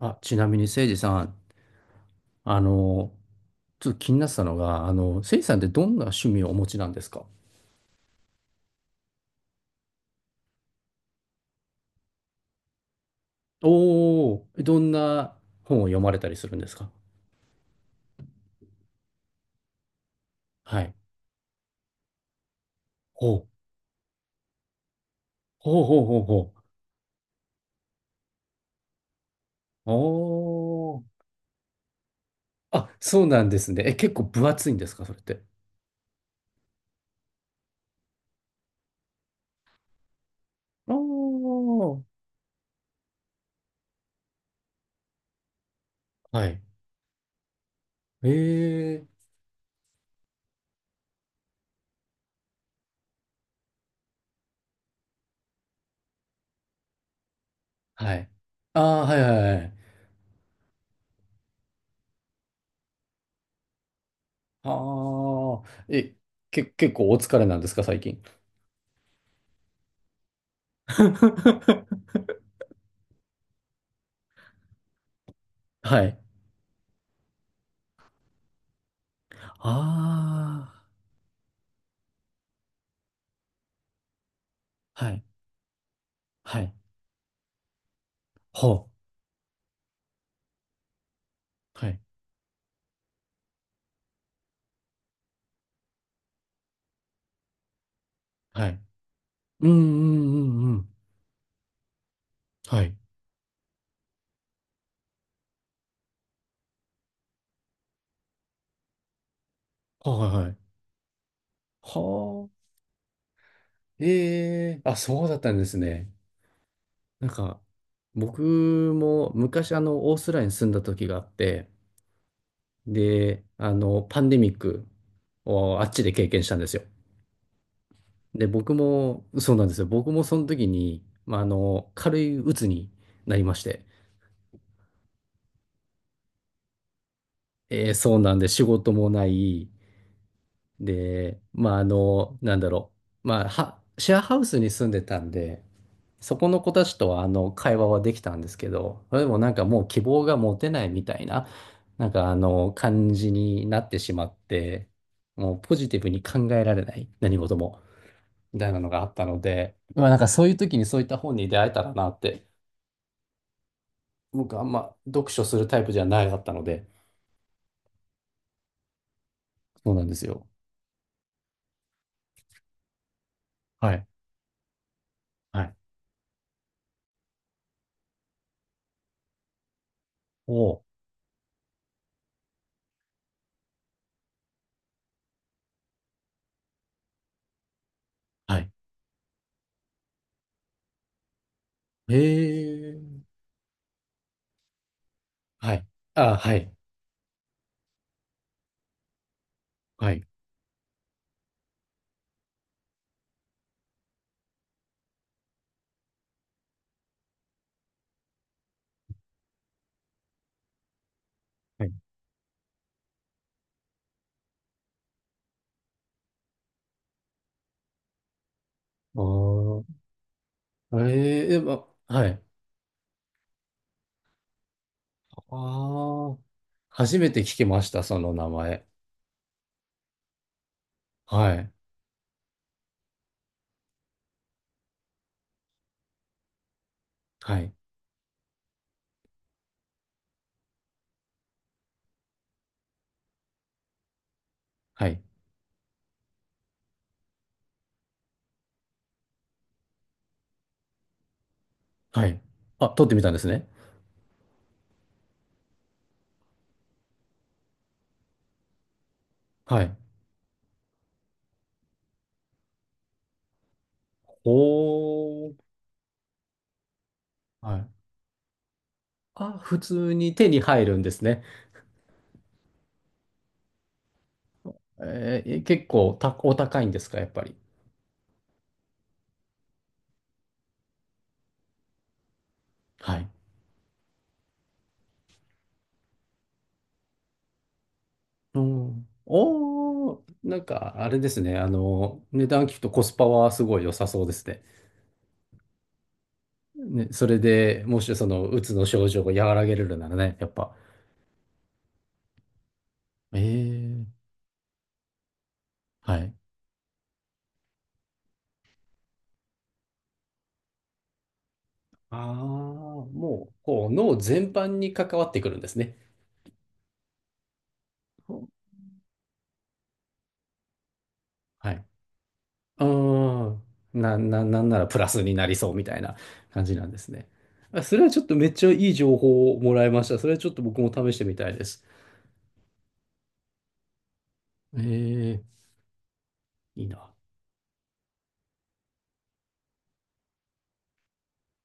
あ、ちなみに、誠司さん、あの、ちょっと気になってたのが、誠司さんってどんな趣味をお持ちなんですか？おおー、どんな本を読まれたりするんですか？はい。ほう、ほうほうほうほう。おお、あ、そうなんですね。結構分厚いんですか、それって？おお、はい。ええ、はい。ああ、はいはいはい。ああ、え、結構お疲れなんですか、最近？はい。ああ、はい。はい。はあはい。はい。うんうんうんうん。はい。はいはいはい。はあ。ええあ、そうだったんですね。なんか、僕も昔、オーストラリアに住んだ時があって、で、パンデミックをあっちで経験したんですよ。で、僕も、そうなんですよ。僕もその時に、まあ、軽い鬱になりまして、そうなんで、仕事もない、で、まあ、なんだろう。まあ、は、シェアハウスに住んでたんで、そこの子たちとは、会話はできたんですけど、でもなんかもう希望が持てないみたいな、なんか感じになってしまって、もうポジティブに考えられない、何事も、みたいなのがあったので、まあ、なんかそういう時にそういった本に出会えたらなって、僕あんま読書するタイプじゃないだったので、そうなんですよ。はい。はい。おーはい。へえ。はい。あ、はい。はい。はい。ああ、ええまはい。ああ、初めて聞きました、その名前。はい。はい。はい。はい。あ、取ってみたんですね。はい。おー。はい。あ、普通に手に入るんですね。えー、結構お高いんですか、やっぱり？はい。うん。おー。なんか、あれですね。あの、値段聞くとコスパはすごい良さそうですね。ね、それでもしその、うつの症状を和らげれるならね、やっぱ。ええ、はい。ああ、もう、こう、脳全般に関わってくるんですね。はい。うーん。なんならプラスになりそうみたいな感じなんですね。あ、それはちょっとめっちゃいい情報をもらいました。それはちょっと僕も試してみたいです。ええ、いいな。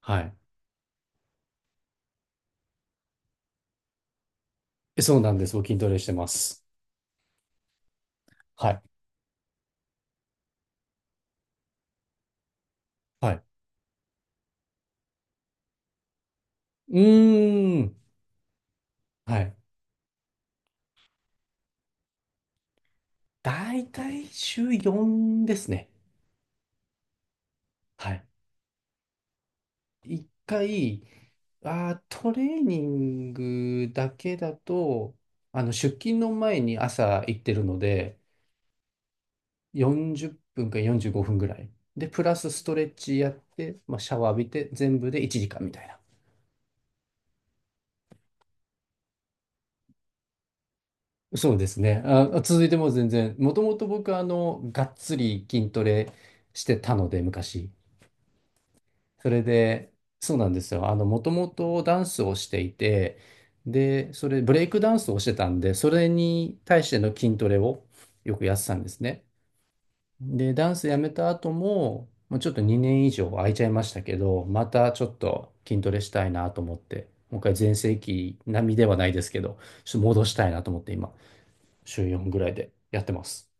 はい。えそうなんです。僕筋トレしてます。はい。はい。うーん。はい。だいたい週4ですね。はい。一回、あー、トレーニングだけだと、出勤の前に朝行ってるので、40分か45分ぐらい。で、プラスストレッチやって、まあ、シャワー浴びて、全部で1時間みたいな。そうですね。あ、続いても全然、もともと僕、がっつり筋トレしてたので、昔。それで、そうなんですよ。もともとダンスをしていて、で、それ、ブレイクダンスをしてたんで、それに対しての筋トレをよくやってたんですね。で、ダンスやめた後も、もうちょっと2年以上空いちゃいましたけど、またちょっと筋トレしたいなと思って、もう一回全盛期並みではないですけど、ちょっと戻したいなと思って今、週4ぐらいでやってます。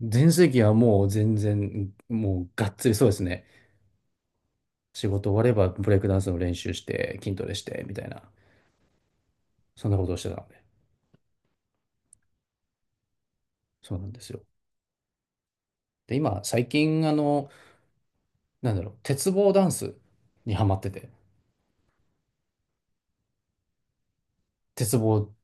全盛期はもう全然、もうがっつりそうですね。仕事終わればブレイクダンスの練習して筋トレしてみたいな、そんなことをしてたので、そうなんですよ。で、今、最近、なんだろう、鉄棒ダンスにハマってて、鉄棒、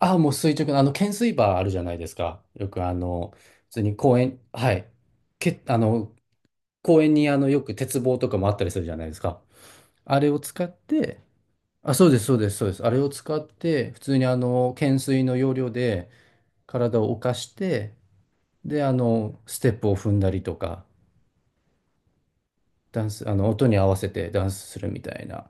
ああ、もう垂直な、懸垂バーあるじゃないですか。よく、普通に公園、はい、け、あの、公園に、よく鉄棒とかもあったりするじゃないですか。あれを使って、あ、そうです、そうです、そうです。あれを使って、普通にあの、懸垂の要領で体を浮かして、で、ステップを踏んだりとか、ダンス、音に合わせてダンスするみたいな。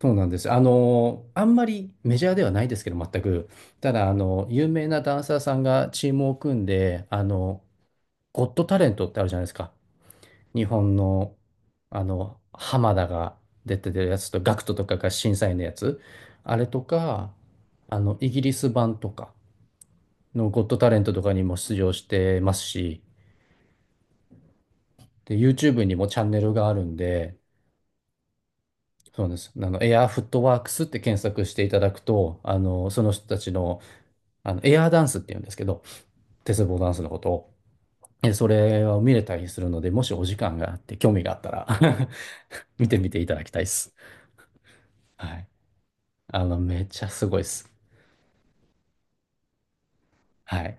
そうなんです。あんまりメジャーではないですけど、全く。ただ、有名なダンサーさんがチームを組んで、ゴッドタレントってあるじゃないですか。日本の、浜田が出てるやつと、ガクトとかが審査員のやつ。あれとか、イギリス版とかのゴッドタレントとかにも出場してますし、で、YouTube にもチャンネルがあるんで、そうです。エアーフットワークスって検索していただくと、その人たちの、エアーダンスって言うんですけど、鉄棒ダンスのことを、えそれを見れたりするので、もしお時間があって、興味があったら 見てみていただきたいです。はい。めっちゃすごいです。はい。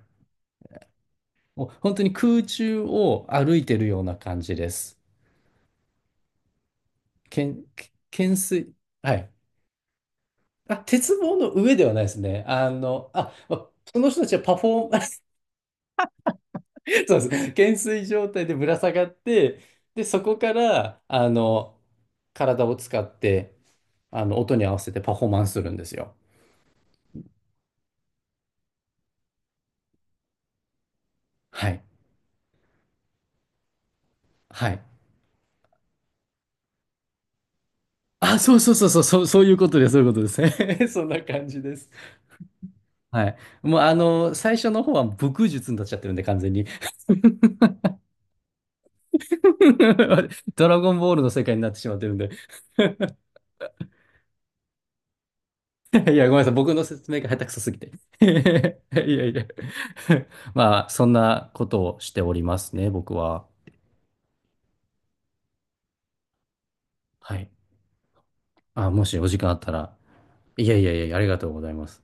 もう本当に空中を歩いてるような感じです。けん、け懸垂。はい。あ、鉄棒の上ではないですね。その人たちはパフォーマン そうです。懸垂状態でぶら下がって、で、そこから、体を使って、音に合わせてパフォーマンスするんですよ。はい。はい。あ、そうそうそうそう、そうそういうことです、そういうことです。そんな感じです。はい。もう、最初の方は武空術になっちゃってるんで、完全に。ドラゴンボールの世界になってしまってるんで。いや、ごめんなさい。僕の説明が下手くそすぎて。いやいや。まあ、そんなことをしておりますね、僕は。はい。あ、もしお時間あったら。いやいやいや、ありがとうございます。